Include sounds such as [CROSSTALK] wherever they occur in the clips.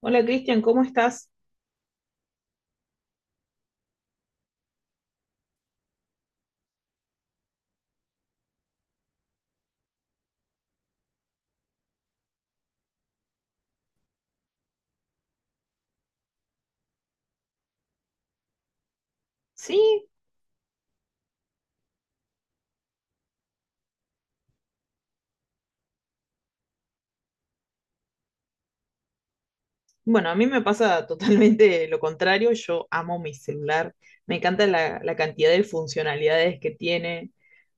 Hola Cristian, ¿cómo estás? Sí, bueno, a mí me pasa [LAUGHS] totalmente lo contrario. Yo amo mi celular, me encanta la cantidad de funcionalidades que tiene,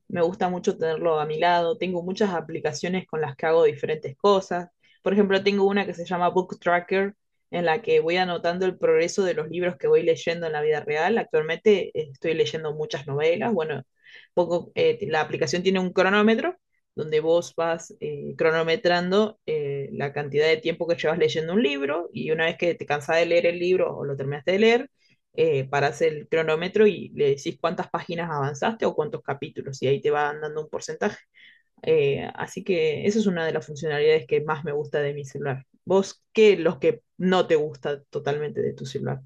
me gusta mucho tenerlo a mi lado. Tengo muchas aplicaciones con las que hago diferentes cosas. Por ejemplo, tengo una que se llama Book Tracker, en la que voy anotando el progreso de los libros que voy leyendo en la vida real. Actualmente estoy leyendo muchas novelas. Bueno, poco, la aplicación tiene un cronómetro donde vos vas cronometrando la cantidad de tiempo que llevas leyendo un libro, y una vez que te cansás de leer el libro o lo terminaste de leer, para hacer el cronómetro y le decís cuántas páginas avanzaste o cuántos capítulos, y ahí te van dando un porcentaje. Así que esa es una de las funcionalidades que más me gusta de mi celular. ¿Vos qué los que no te gusta totalmente de tu celular?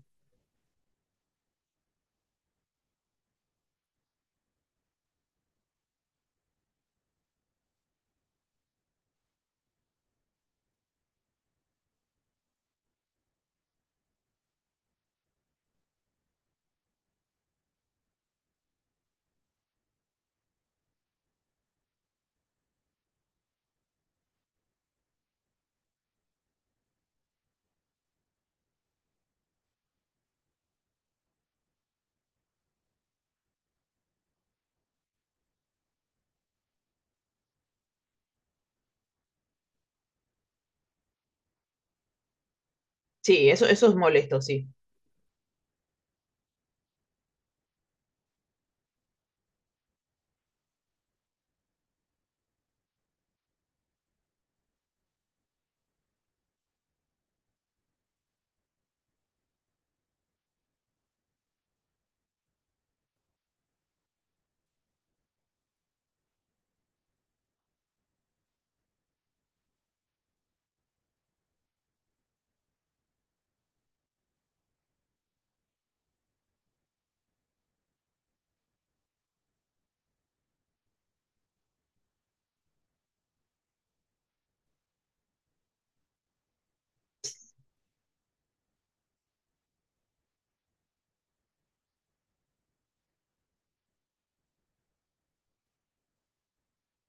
Sí, eso es molesto, sí.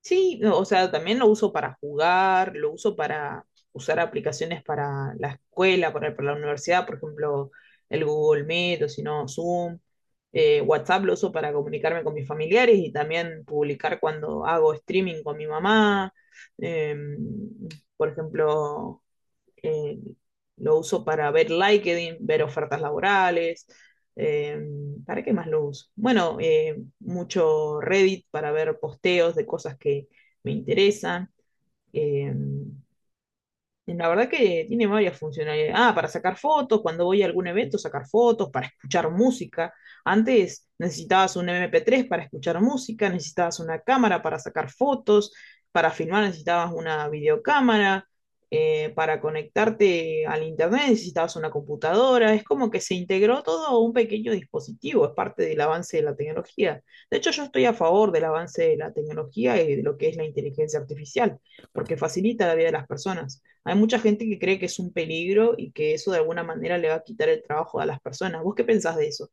Sí, no, o sea, también lo uso para jugar, lo uso para usar aplicaciones para la escuela, para la universidad, por ejemplo, el Google Meet o si no, Zoom. WhatsApp lo uso para comunicarme con mis familiares y también publicar cuando hago streaming con mi mamá. Em, por ejemplo, eh, lo uso para ver LinkedIn, ver ofertas laborales. eh, ¿Para qué más lo uso? Bueno, mucho Reddit para ver posteos de cosas que me interesan. em, la verdad que tiene varias funcionalidades. Ah, para sacar fotos, cuando voy a algún evento, sacar fotos, para escuchar música. Antes necesitabas un MP3 para escuchar música, necesitabas una cámara para sacar fotos, para filmar necesitabas una videocámara, para conectarte al internet necesitabas una computadora. Es como que se integró todo a un pequeño dispositivo, es parte del avance de la tecnología. De hecho, yo estoy a favor del avance de la tecnología y de lo que es la inteligencia artificial, porque facilita la vida de las personas. Hay mucha gente que cree que es un peligro y que eso de alguna manera le va a quitar el trabajo a las personas. ¿Vos qué pensás de eso?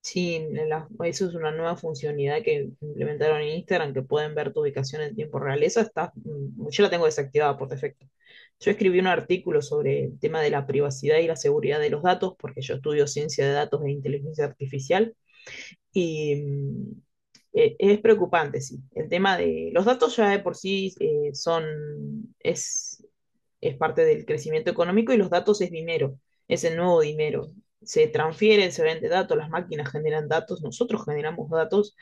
Sí, en la- eso es una nueva funcionalidad que implementaron en Instagram, que pueden ver tu ubicación en tiempo real. Esa está, mm, yo la tengo desactivada por defecto. Yo escribí un artículo sobre el tema de la privacidad y la seguridad de los datos, porque yo estudio ciencia de datos e inteligencia artificial, y es preocupante, sí. El tema de los datos ya de por sí son, es es parte del crecimiento económico, y los datos es dinero, es el nuevo dinero. Se transfieren, se vende datos, las máquinas generan datos, nosotros generamos datos,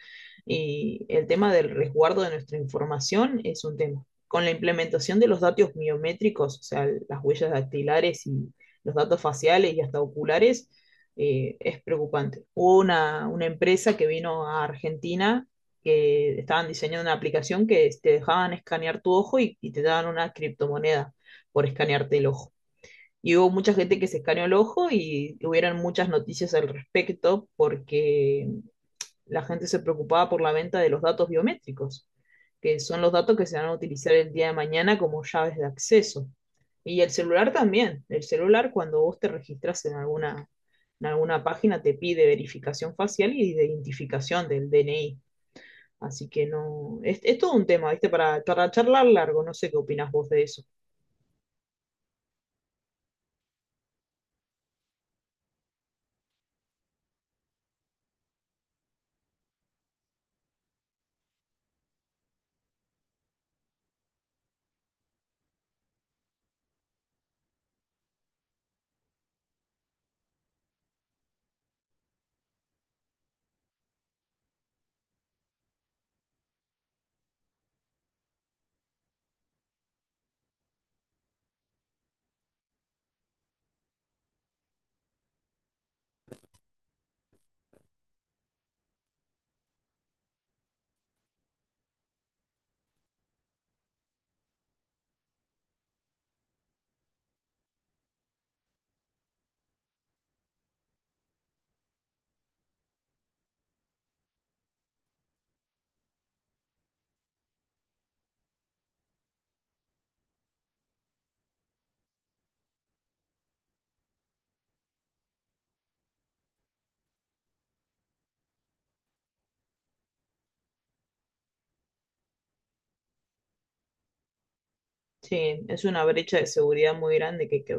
y el tema del resguardo de nuestra información es un tema. Con la implementación de los datos biométricos, o sea, las huellas dactilares y los datos faciales y hasta oculares, es preocupante. Hubo una empresa que vino a Argentina que estaban diseñando una aplicación que te dejaban escanear tu ojo, y te daban una criptomoneda por escanearte el ojo. Y hubo mucha gente que se escaneó el ojo y hubieron muchas noticias al respecto porque la gente se preocupaba por la venta de los datos biométricos, que son los datos que se van a utilizar el día de mañana como llaves de acceso. Y el celular también. El celular, cuando vos te registras en alguna página, te pide verificación facial y de identificación del DNI. Así que no, es todo un tema, ¿viste? Para charlar largo, no sé qué opinas vos de eso. Sí, es una brecha de seguridad muy grande que hay que,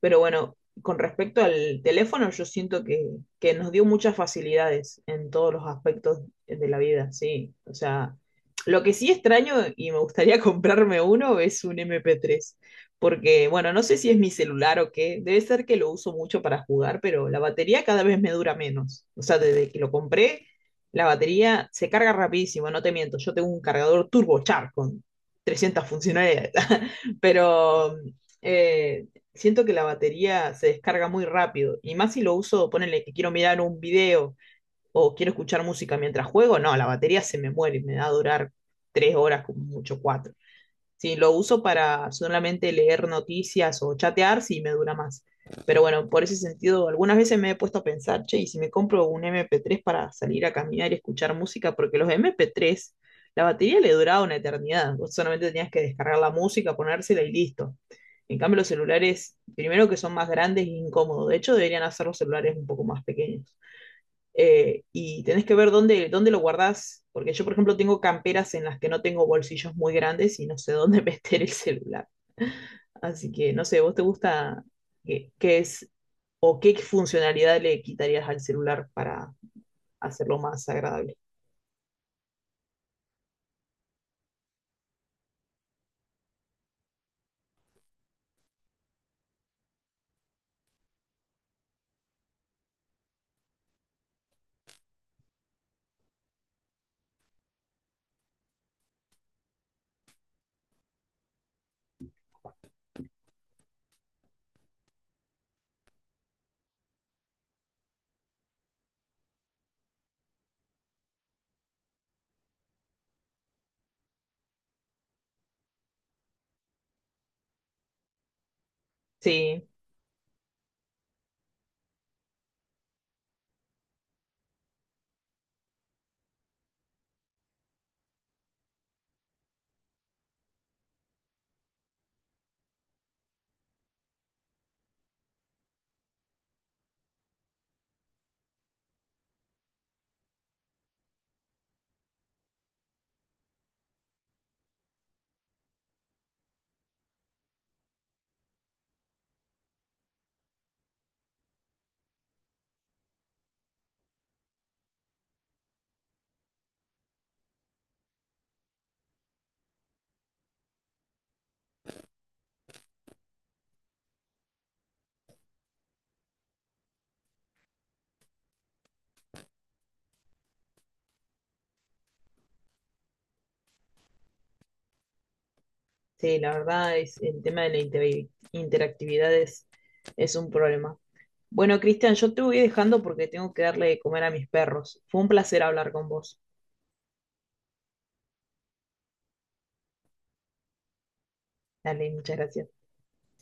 pero bueno, con respecto al teléfono, yo siento que nos dio muchas facilidades en todos los aspectos de la vida, sí. O sea, lo que sí extraño y me gustaría [LAUGHS] comprarme uno es un MP3, porque bueno, no sé si es mi celular o qué, debe ser que lo uso mucho para jugar, pero la batería cada vez me dura menos. O sea, desde que lo compré, la batería se carga rapidísimo, no te miento, yo tengo un cargador turbocharge con 300 funcionalidades, [LAUGHS] pero... Eh, siento que la batería se descarga muy rápido. Y más si lo uso, ponele que quiero mirar un video o quiero escuchar música mientras juego, no, la batería se me muere, me da a durar 3 horas, como mucho 4. Si lo uso para solamente leer noticias o chatear, sí me dura más. Pero bueno, por ese sentido, algunas veces me he puesto a pensar, che, y si me compro un MP3 para salir a caminar y escuchar música, porque los MP3, la batería le duraba una eternidad. Vos solamente tenías que descargar la música, ponérsela y listo. En cambio, los celulares, primero que son más grandes e incómodos. De hecho, deberían hacer los celulares un poco más pequeños, y tenés que ver dónde, dónde lo guardás, porque yo, por ejemplo, tengo camperas en las que no tengo bolsillos muy grandes y no sé dónde [LAUGHS] meter el celular. Así que, no sé, ¿vos te gusta qué, qué es o qué funcionalidad le quitarías al celular para hacerlo más agradable? Sí, sí, la verdad es el tema de la interactividad es un problema. Bueno, Cristian, yo te voy dejando porque tengo que darle de comer a mis perros. Fue un placer hablar con vos. Dale, muchas gracias.